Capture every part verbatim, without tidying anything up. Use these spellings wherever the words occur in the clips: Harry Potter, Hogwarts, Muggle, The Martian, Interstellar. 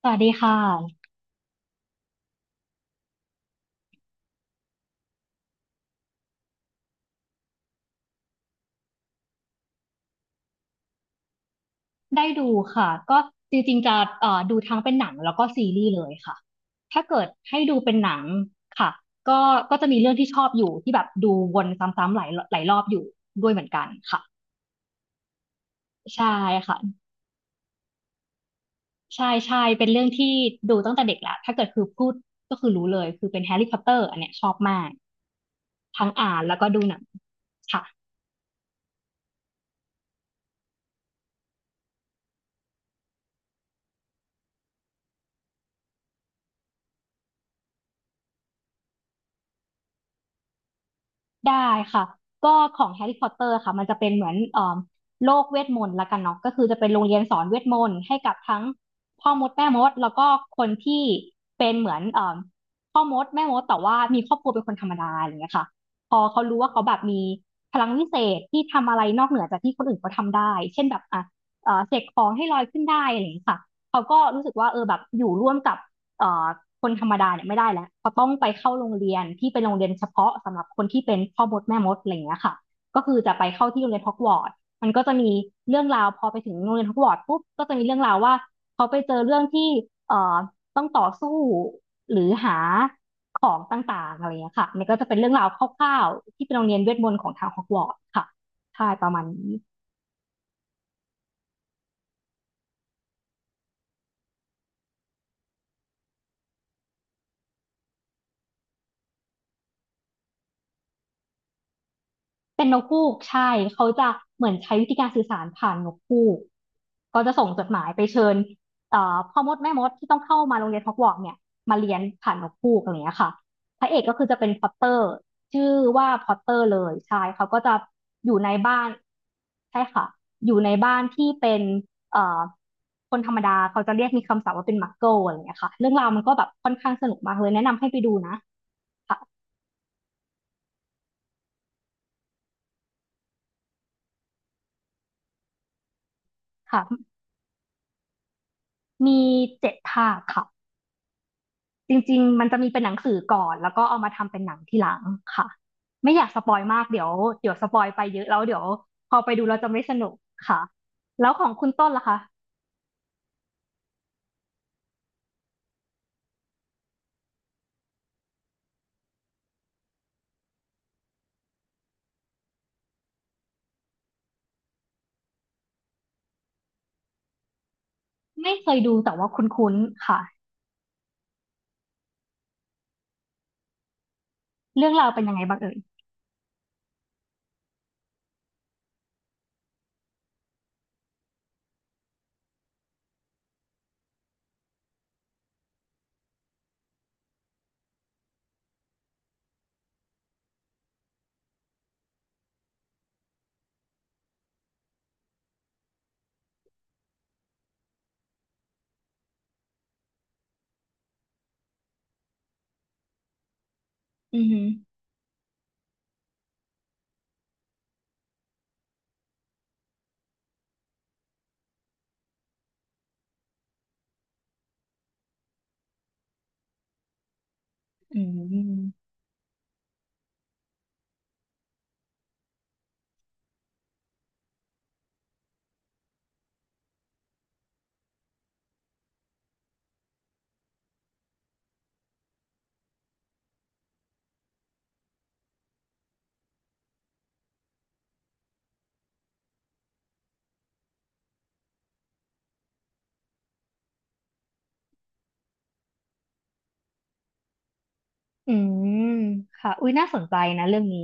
สวัสดีค่ะได้ดูค่ะก็จริงๆจะเอ่อดูทั้งเป็นหนังแล้วก็ซีรีส์เลยค่ะถ้าเกิดให้ดูเป็นหนังค่ะก็ก็จะมีเรื่องที่ชอบอยู่ที่แบบดูวนซ้ำๆหลายหลายรอบอยู่ด้วยเหมือนกันค่ะใช่ค่ะใช่ใช่เป็นเรื่องที่ดูตั้งแต่เด็กแล้วถ้าเกิดคือพูดก็คือรู้เลยคือเป็นแฮร์รี่พอตเตอร์อันเนี้ยชอบมากทั้งอ่านแล้วก็ดูหนังค่ะ ได้ค่ะก็ของแฮร์รี่พอตเตอร์ค่ะมันจะเป็นเหมือนเอ่อโลกเวทมนต์ละกันเนาะก็คือจะเป็นโรงเรียนสอนเวทมนต์ให้กับทั้งพ่อมดแม่มดแล้วก็คนที่เป็นเหมือนเอ่อพ่อมดแม่มดแต่ว่ามีครอบครัวเป็นคนธรรมดาอย่างเงี้ยค่ะพอเขารู้ว่าเขาแบบมีพลังวิเศษที่ทำอะไรนอกเหนือจากที่คนอื่นเขาทำได้เช่นแบบอ่ะเอ่อเสกของให้ลอยขึ้นได้อะไรอย่างเงี้ยค่ะเขาก็รู้สึกว่าเออแบบอยู่ร่วมกับ เอ่อคนธรรมดาเนี่ยไม่ได้แล้วเขาต้องไปเข้าโรงเรียนที่เป็นโรงเรียนเฉพาะสำหรับคนที่เป็นพ่อมดแม่มดอะไรอย่างเงี้ยค่ะก็คือจะไปเข้าที่โรงเรียนฮอกวอตส์มันก็จะมีเรื่องราวพอไปถึงโรงเรียนฮอกวอตส์ปุ๊บก็จะมีเรื่องราวว่าเขาไปเจอเรื่องที่เอ่อต้องต่อสู้หรือหาของต่างๆอะไรอย่างเงี้ยค่ะมันก็จะเป็นเรื่องราวคร่าวๆที่เป็นโรงเรียนเวทมนต์ของทางฮอกวอตส์ค่ะใช่ประมาณนี้ เป็นนกฮูกใช่เขาจะเหมือนใช้วิธีการสื่อสารผ่านนกฮูกก็จะส่งจดหมายไปเชิญเอ่อพ่อมดแม่มดที่ต้องเข้ามาโรงเรียนฮอกวอตส์เนี่ยมาเรียนผ่านนกฮูกอะไรอย่างเงี้ยค่ะพระเอกก็คือจะเป็นพอตเตอร์ชื่อว่าพอตเตอร์เลยใช่เขาก็จะอยู่ในบ้านใช่ค่ะอยู่ในบ้านที่เป็นเอ่อคนธรรมดาเขาจะเรียกมีคำศัพท์ว่าเป็นมักเกิลอะไรอย่างเงี้ยค่ะเรื่องราวมันก็แบบค่อนข้างสนุกมากเลยแนะนำให้ไปดูนะค่ะค่ะมีเจ็ดภาคค่ะ จริงๆ มันจะมีเป็นหนังสือก่อนแล้วก็เอามาทำเป็นหนังทีหลังค่ะไม่อยากสปอยมากเดี๋ยวเดี๋ยวสปอยไปเยอะแล้วเดี๋ยวพอไปดูเราจะไม่สนุกค่ะแล้วของคุณต้นล่ะคะไม่เคยดูแต่ว่าคุ้นๆค่ะเรื่องราวเป็นยังไงบ้างเอ่ยอือหืออืมอืมค่ะอุ้ยน่าสนใจนะเรื่องนี้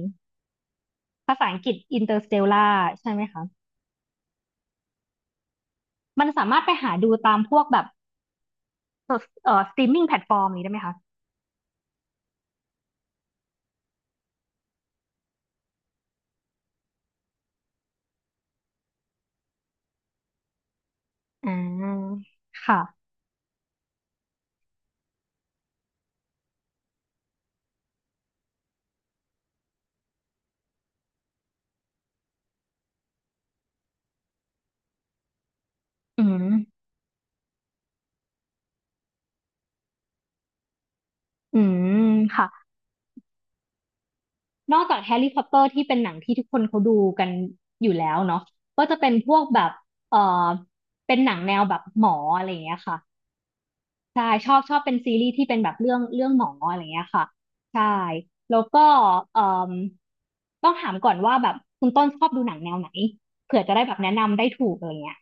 ภาษาอังกฤษ Interstellar ใช่ไหมคะมันสามารถไปหาดูตามพวกแบบเอ่อสตรีมมิ่งแพลตฟอร์มนี้ได้ไหมคะอ่าค่ะอืมอืมค่ะ นอกจากแฮร์รี่พอตเตอร์ที่เป็นหนังที่ทุกคนเขาดูกันอยู่แล้วเนาะก็จะเป็นพวกแบบเออเป็นหนังแนวแบบหมออะไรอย่างเงี้ยค่ะใช่ชอบชอบเป็นซีรีส์ที่เป็นแบบเรื่องเรื่องหมออะไรอย่างเงี้ยค่ะใช่แล้วก็เอ่มต้องถามก่อนว่าแบบคุณต้นชอบดูหนังแนวไหนเผื่อจะได้แบบแนะนำได้ถูกอะไรเงี้ย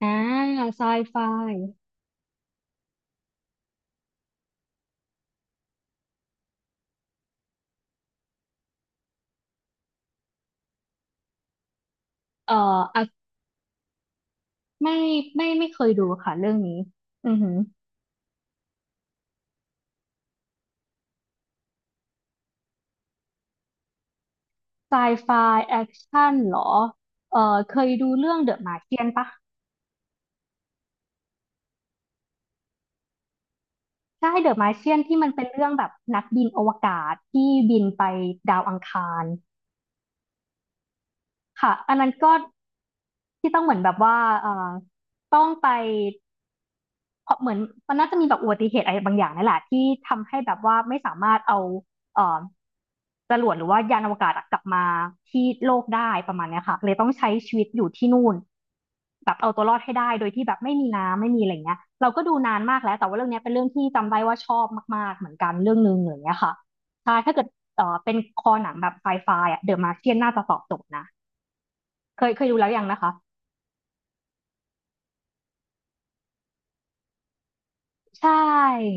อ่าไซไฟเอ่ออ่ะไม่ไม่ไม่เคยดูค่ะเรื่องนี้อือหือ ไซไฟแอคชั่นเหรอเออเคยดูเรื่อง The Martian ปะใช่เดอะมาเชียนที่มันเป็นเรื่องแบบนักบินอวกาศที่บินไปดาวอังคารค่ะอันนั้นก็ที่ต้องเหมือนแบบว่าเออต้องไปเพราะเหมือนมันน่าจะมีแบบอุบัติเหตุอะไรบางอย่างนั่นแหละที่ทำให้แบบว่าไม่สามารถเอาเออจรวดหรือว่ายานอวกาศอะกลับมาที่โลกได้ประมาณเนี้ยค่ะเลยต้องใช้ชีวิตอยู่ที่นู่น แบบเอาตัวรอดให้ได้โดยที่แบบไม่มีน้ำไม่มีอะไรเงี้ยเราก็ดูนานมากแล้วแต่ว่าเรื่องเนี้ยเป็นเรื่องที่จำได้ว่าชอบมากๆเหมือนกันเรื่องนึงอะไรเงี้ยค่ะใช่ถ้าเกิดเอ่อเป็นคอหนังแบบไฟไฟอ่ะเดอะมาร์เชียนน่าจะตอบโจทย์นะเคยเคยดูแล้วยังนะคะใช่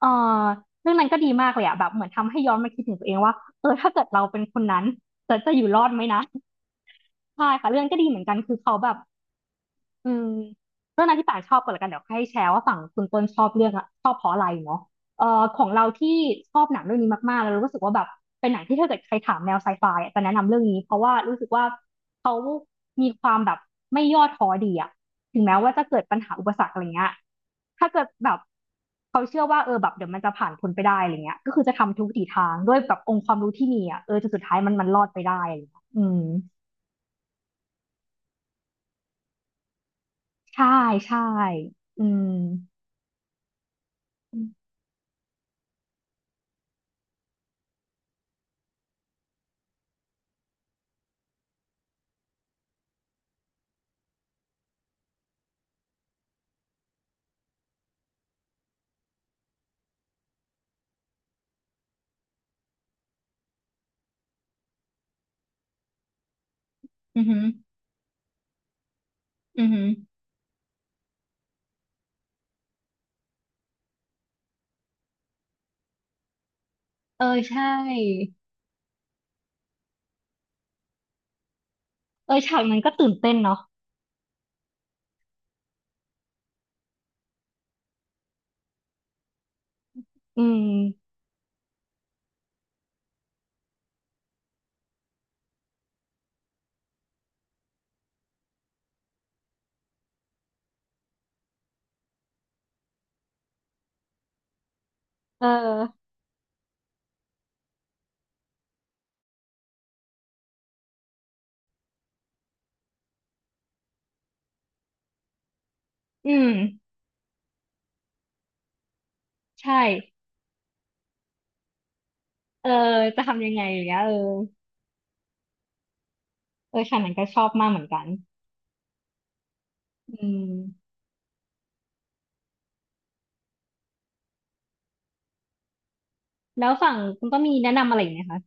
เอ่อเรื่องนั้นก็ดีมากเลยอะแบบเหมือนทำให้ย้อนมาคิดถึงตัวเองว่าเออถ้าเกิดเราเป็นคนนั้นจะจะอยู่รอดไหมนะใช่ค่ะเรื่องก็ดีเหมือนกันคือเขาแบบ อืมเรื่องนั้นที่ป่าชอบก่อนละกันเดี๋ยวให้แชร์ว่าฝั่งคุณต้นชอบเรื่องอะชอบเพราะอะไรเนาะเอ่อของเราที่ชอบหนังเรื่องนี้มากๆแล้วรู้สึกว่าแบบเป็นหนังที่ถ้าเกิดใครถามแนวไซไฟอะจะแนะนำเรื่องนี้เพราะว่ารู้สึกว่าเขามีความแบบไม่ย่อท้อดีอะถึงแม้ว่าจะเกิดปัญหาอุปสรรคอะไรเงี้ยถ้าเกิดแบบเขาเชื่อว่าเออแบบเดี๋ยวมันจะผ่านพ้นไปได้อะไรเงี้ยก็คือจะทำทุกวิถีทางด้วยแบบองค์ความรู้ที่มีอะเออจนสุดท้ายมันมันรอดไปได้อะไรเงี้ยอืมใช่ใช่อืมอือหือ อือหือเออใช่ เออฉากนั้นก็ตื่นเต้นเนาะอืมเอออืมใช่ เออจะทำยังไงอย่างเงี้ยเออเออฉากนั้นก็ชอบมากเหมือนกัน อืมแล้วฝั่งคุณก็มีแนะนำอะไรอีกไหมคะ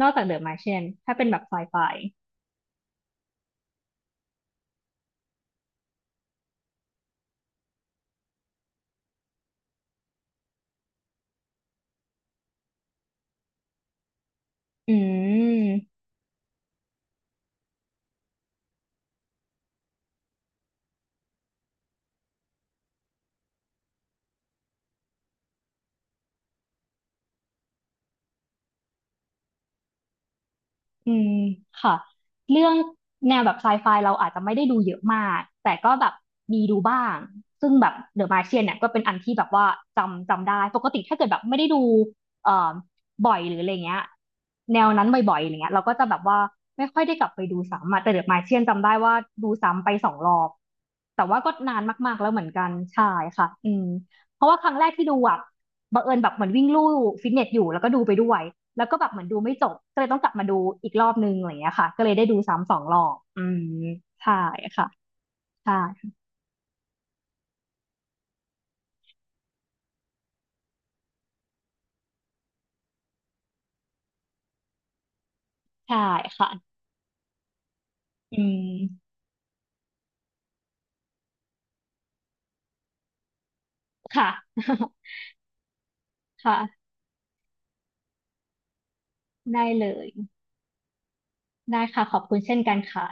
นอกจากเดอะมาร์เชียนถ้าเป็นแบบไซไฟ อืม อืมค่ะเรื่องแนวแบบไซไฟเราอาจจะไม่ได้ดูเยอะมากแต่ก็แบบมีดูบ้างซึ่งแบบเดอะมาร์เชียนเนี่ยก็เป็นอันที่แบบว่าจำจำได้ปกติถ้าเกิดแบบไม่ได้ดูเอ่อบ่อยหรืออะไรเงี้ยแนวนั้นบ่อยๆอะไรเงี้ยเราก็จะแบบว่าไม่ค่อยได้กลับไปดูซ้ำอะแต่เดอะมาร์เชียนจำได้ว่าดูซ้ำไปสองรอบแต่ว่าก็นานมากๆแล้วเหมือนกันใช่ค่ะอืมเพราะว่าครั้งแรกที่ดูอะ บังเอิญแบบเหมือนวิ่งลู่ฟิตเนสอยู่แล้วก็ดูไปด้วยแล้วก็แบบเหมือนดูไม่จบก็เลยต้องกลับมาดูอีกรอบนึงอะไรอย่างเงี้ยค่ะก็เลยได้ดูซ้ำสองรอบอืมใช่ค่ะใช่ใช่ค่ะอืมค่ะ ค่ะได้เลยได้ค่ะขอบคุณเช่นกันค่ะ